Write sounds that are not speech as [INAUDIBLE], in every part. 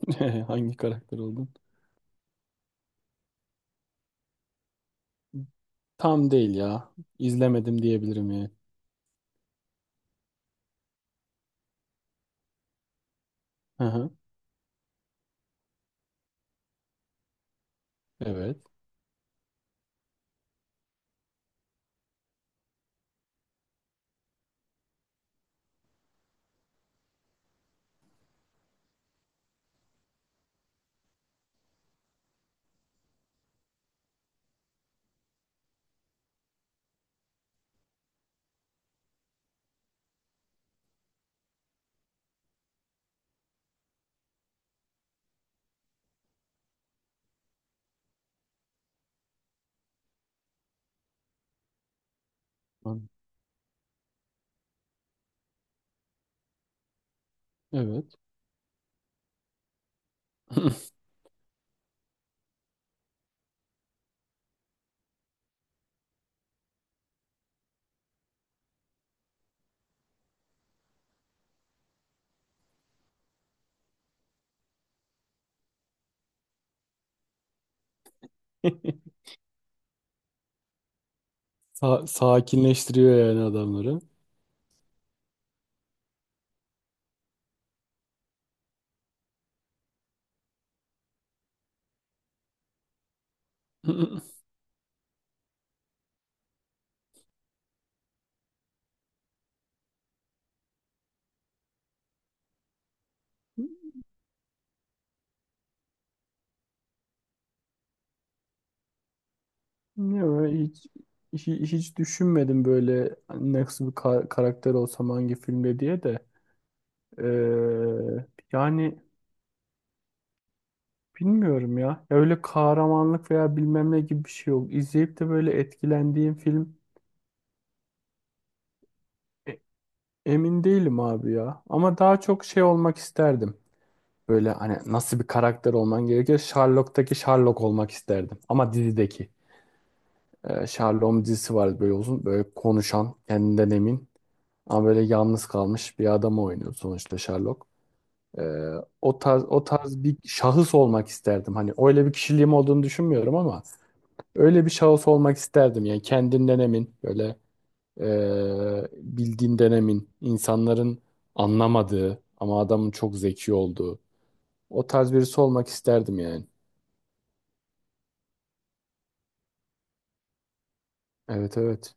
[LAUGHS] Hangi karakter oldun? Tam değil ya. İzlemedim diyebilirim yani. Hı hı. Evet. An- Evet. [LAUGHS] Sakinleştiriyor yani adamları. [LAUGHS] Ne böyle hiç, hiç düşünmedim böyle nasıl bir karakter olsam hangi filmde diye de. Yani bilmiyorum ya. Ya öyle kahramanlık veya bilmem ne gibi bir şey yok. İzleyip de böyle etkilendiğim film e- emin değilim abi ya. Ama daha çok şey olmak isterdim. Böyle hani nasıl bir karakter olman gerekiyor? Sherlock'taki Sherlock olmak isterdim. Ama dizideki. Sherlock'un dizisi vardı böyle uzun. Böyle konuşan, kendinden emin. Ama böyle yalnız kalmış bir adamı oynuyor sonuçta Sherlock. Ee, o tarz bir şahıs olmak isterdim. Hani öyle bir kişiliğim olduğunu düşünmüyorum ama öyle bir şahıs olmak isterdim. Yani kendinden emin, böyle ee, bildiğinden emin, insanların anlamadığı ama adamın çok zeki olduğu. O tarz birisi olmak isterdim yani. Evet, evet.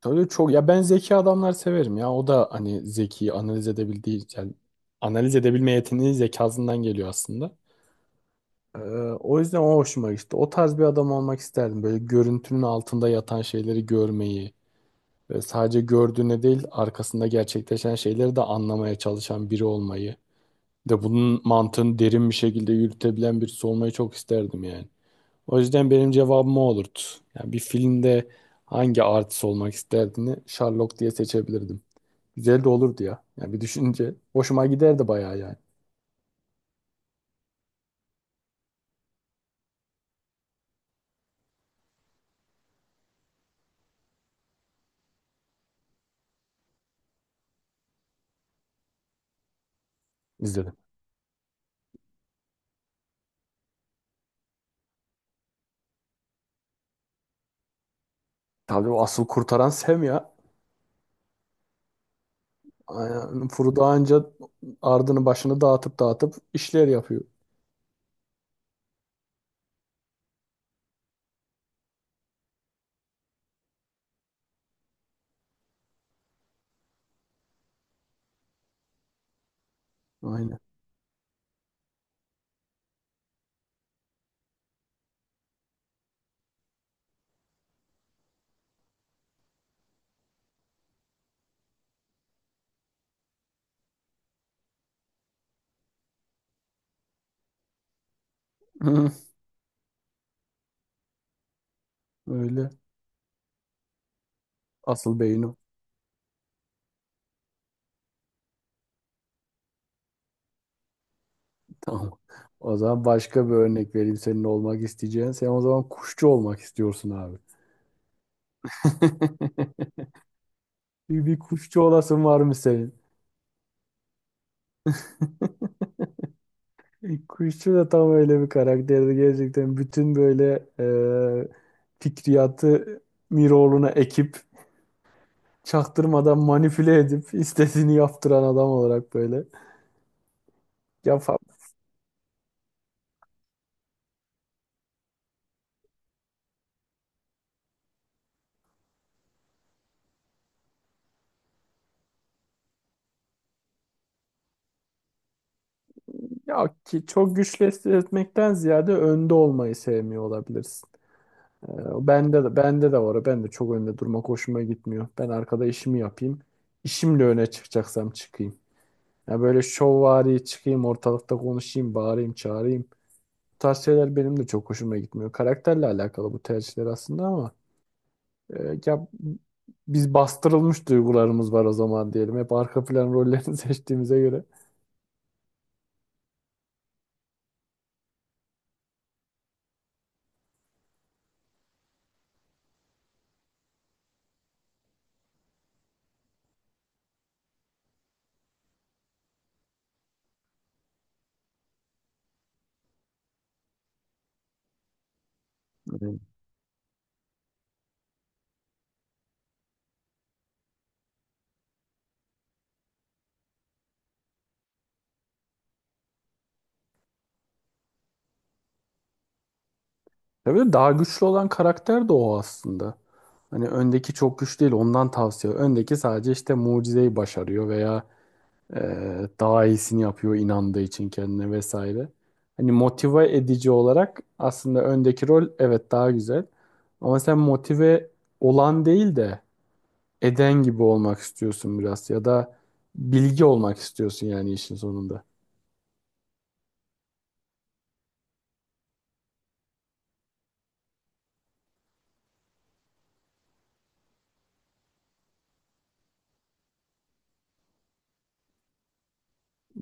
Tabii çok ya, ben zeki adamlar severim ya. O da hani zeki analiz edebildiği yani analiz edebilme yeteneği zekasından geliyor aslında. Ee, O yüzden o hoşuma gitti. O tarz bir adam olmak isterdim. Böyle görüntünün altında yatan şeyleri görmeyi ve sadece gördüğüne değil arkasında gerçekleşen şeyleri de anlamaya çalışan biri olmayı. Bir de bunun mantığını derin bir şekilde yürütebilen birisi olmayı çok isterdim yani. O yüzden benim cevabım o olurdu. Yani bir filmde hangi artist olmak isterdini Sherlock diye seçebilirdim. Güzel de olurdu ya. Yani bir düşünce hoşuma giderdi bayağı yani. İzledim. Tabii o asıl kurtaran Sam ya. Aynen. Frodo anca ardını başını dağıtıp dağıtıp işler yapıyor. Aynen. [LAUGHS] Öyle. Asıl beyin o. Tamam. O zaman başka bir örnek vereyim senin olmak isteyeceğin. Sen o zaman kuşçu olmak istiyorsun abi. [LAUGHS] Bir kuşçu olasın var mı senin? E, kuşçu da tam öyle bir karakterdi gerçekten. Bütün böyle fikriyatı Miroğlu'na ekip çaktırmadan manipüle edip [LAUGHS] istediğini yaptıran adam olarak böyle. Ya, fa- Ya ki çok güçlü etmekten ziyade önde olmayı sevmiyor olabilirsin. E, bende de var. O. Ben de çok önde durmak hoşuma gitmiyor. Ben arkada işimi yapayım. İşimle öne çıkacaksam çıkayım. Ya böyle şovvari çıkayım ortalıkta konuşayım, bağırayım, çağırayım. Tarz şeyler benim de çok hoşuma gitmiyor. Karakterle alakalı bu tercihler aslında ama e, ya biz bastırılmış duygularımız var o zaman diyelim. Hep arka plan rollerini [LAUGHS] seçtiğimize göre. Evet. Tabii daha güçlü olan karakter de o aslında. Hani öndeki çok güçlü değil ondan tavsiye. Öndeki sadece işte mucizeyi başarıyor veya e, daha iyisini yapıyor inandığı için kendine vesaire. Hani motive edici olarak aslında öndeki rol evet daha güzel. Ama sen motive olan değil de eden gibi olmak istiyorsun biraz ya da bilgi olmak istiyorsun yani işin sonunda.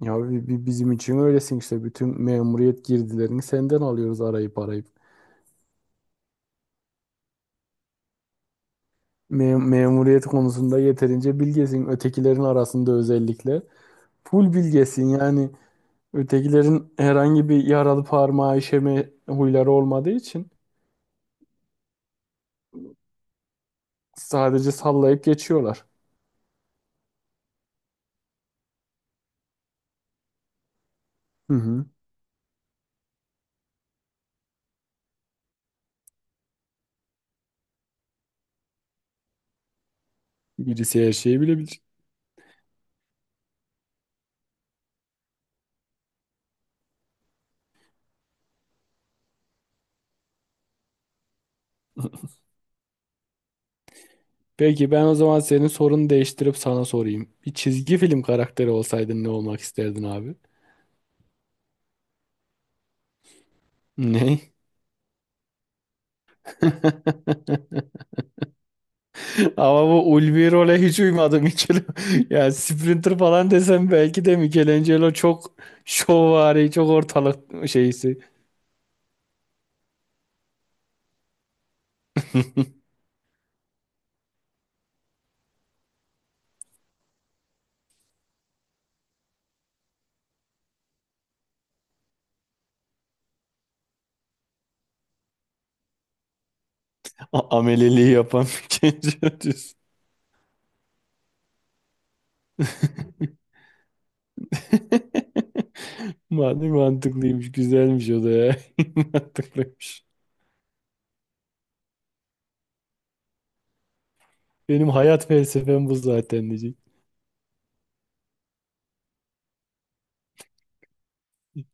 Ya bizim için öylesin işte, bütün memuriyet girdilerini senden alıyoruz arayıp arayıp. Memuriyet konusunda yeterince bilgesin. Ötekilerin arasında özellikle full bilgesin yani, ötekilerin herhangi bir yaralı parmağı işeme huyları olmadığı için sadece sallayıp geçiyorlar. Hı hı. Birisi her şeyi bilebilir. Peki ben o zaman senin sorunu değiştirip sana sorayım. Bir çizgi film karakteri olsaydın ne olmak isterdin abi? Ne? [LAUGHS] Ama bu ulvi role hiç uymadı Michel. [LAUGHS] Yani Sprinter falan desem belki de Michelangelo çok şovvari, çok ortalık şeysi. Ameleliği yapan [LAUGHS] Michelangelo diyorsun. [LAUGHS] Mantıklıymış, güzelmiş o da ya. [LAUGHS] Mantıklıymış. Benim hayat felsefem bu zaten.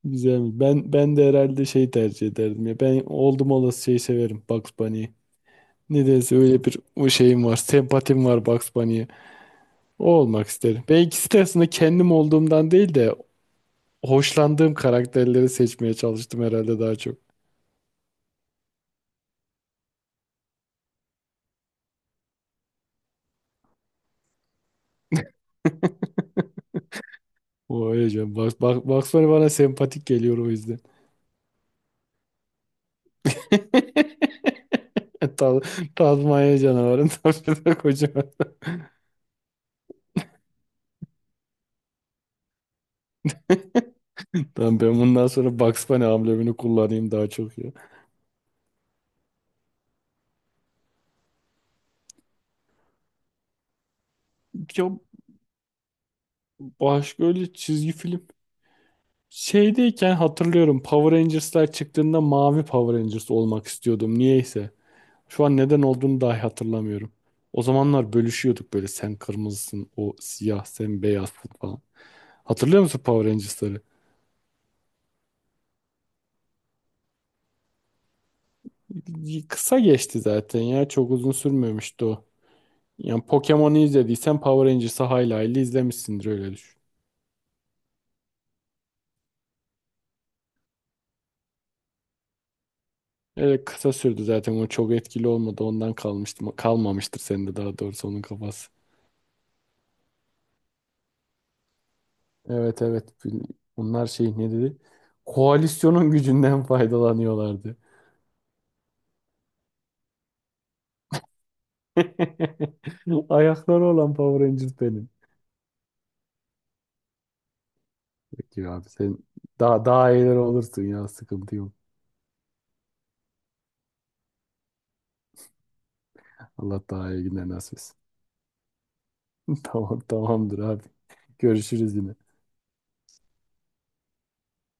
Güzelmiş. Ben de herhalde şey tercih ederdim ya. Ben oldum olası şeyi severim, Bugs Bunny'yi. Nedense öyle bir o şeyim var. Sempatim var Bugs Bunny'ye. O olmak isterim. Ben ikisi de aslında kendim olduğumdan değil de hoşlandığım karakterleri seçmeye çalıştım herhalde daha çok. O öyle canım. Bugs Bunny bana sempatik geliyor o yüzden. [LAUGHS] Ta- Tazmanya canavarından bir de kocaman. Tamam, ben bundan sonra Bugs Bunny amblemini kullanayım daha çok ya. Ya başka öyle çizgi film şeydeyken hatırlıyorum, Power Rangers'lar çıktığında mavi Power Rangers olmak istiyordum niyeyse. Şu an neden olduğunu dahi hatırlamıyorum. O zamanlar bölüşüyorduk böyle, sen kırmızısın, o siyah, sen beyazsın falan. Hatırlıyor musun Power Rangers'ları? Kısa geçti zaten ya, çok uzun sürmemişti o. Yani Pokemon'u izlediysen Power Rangers'ı hayli hayli izlemişsindir, öyle düşün. Öyle kısa sürdü zaten, o çok etkili olmadı, ondan kalmıştı. Kalmamıştır sende, daha doğrusu onun kafası. Evet, evet. Bunlar şey ne dedi? Koalisyonun gücünden faydalanıyorlardı. [LAUGHS] Ayakları olan Power Ranger benim. Peki abi sen daha daha iyiler olursun ya, sıkıntı yok. Allah daha iyi günler nasip etsin. [LAUGHS] Tamam, tamamdır abi. Görüşürüz yine.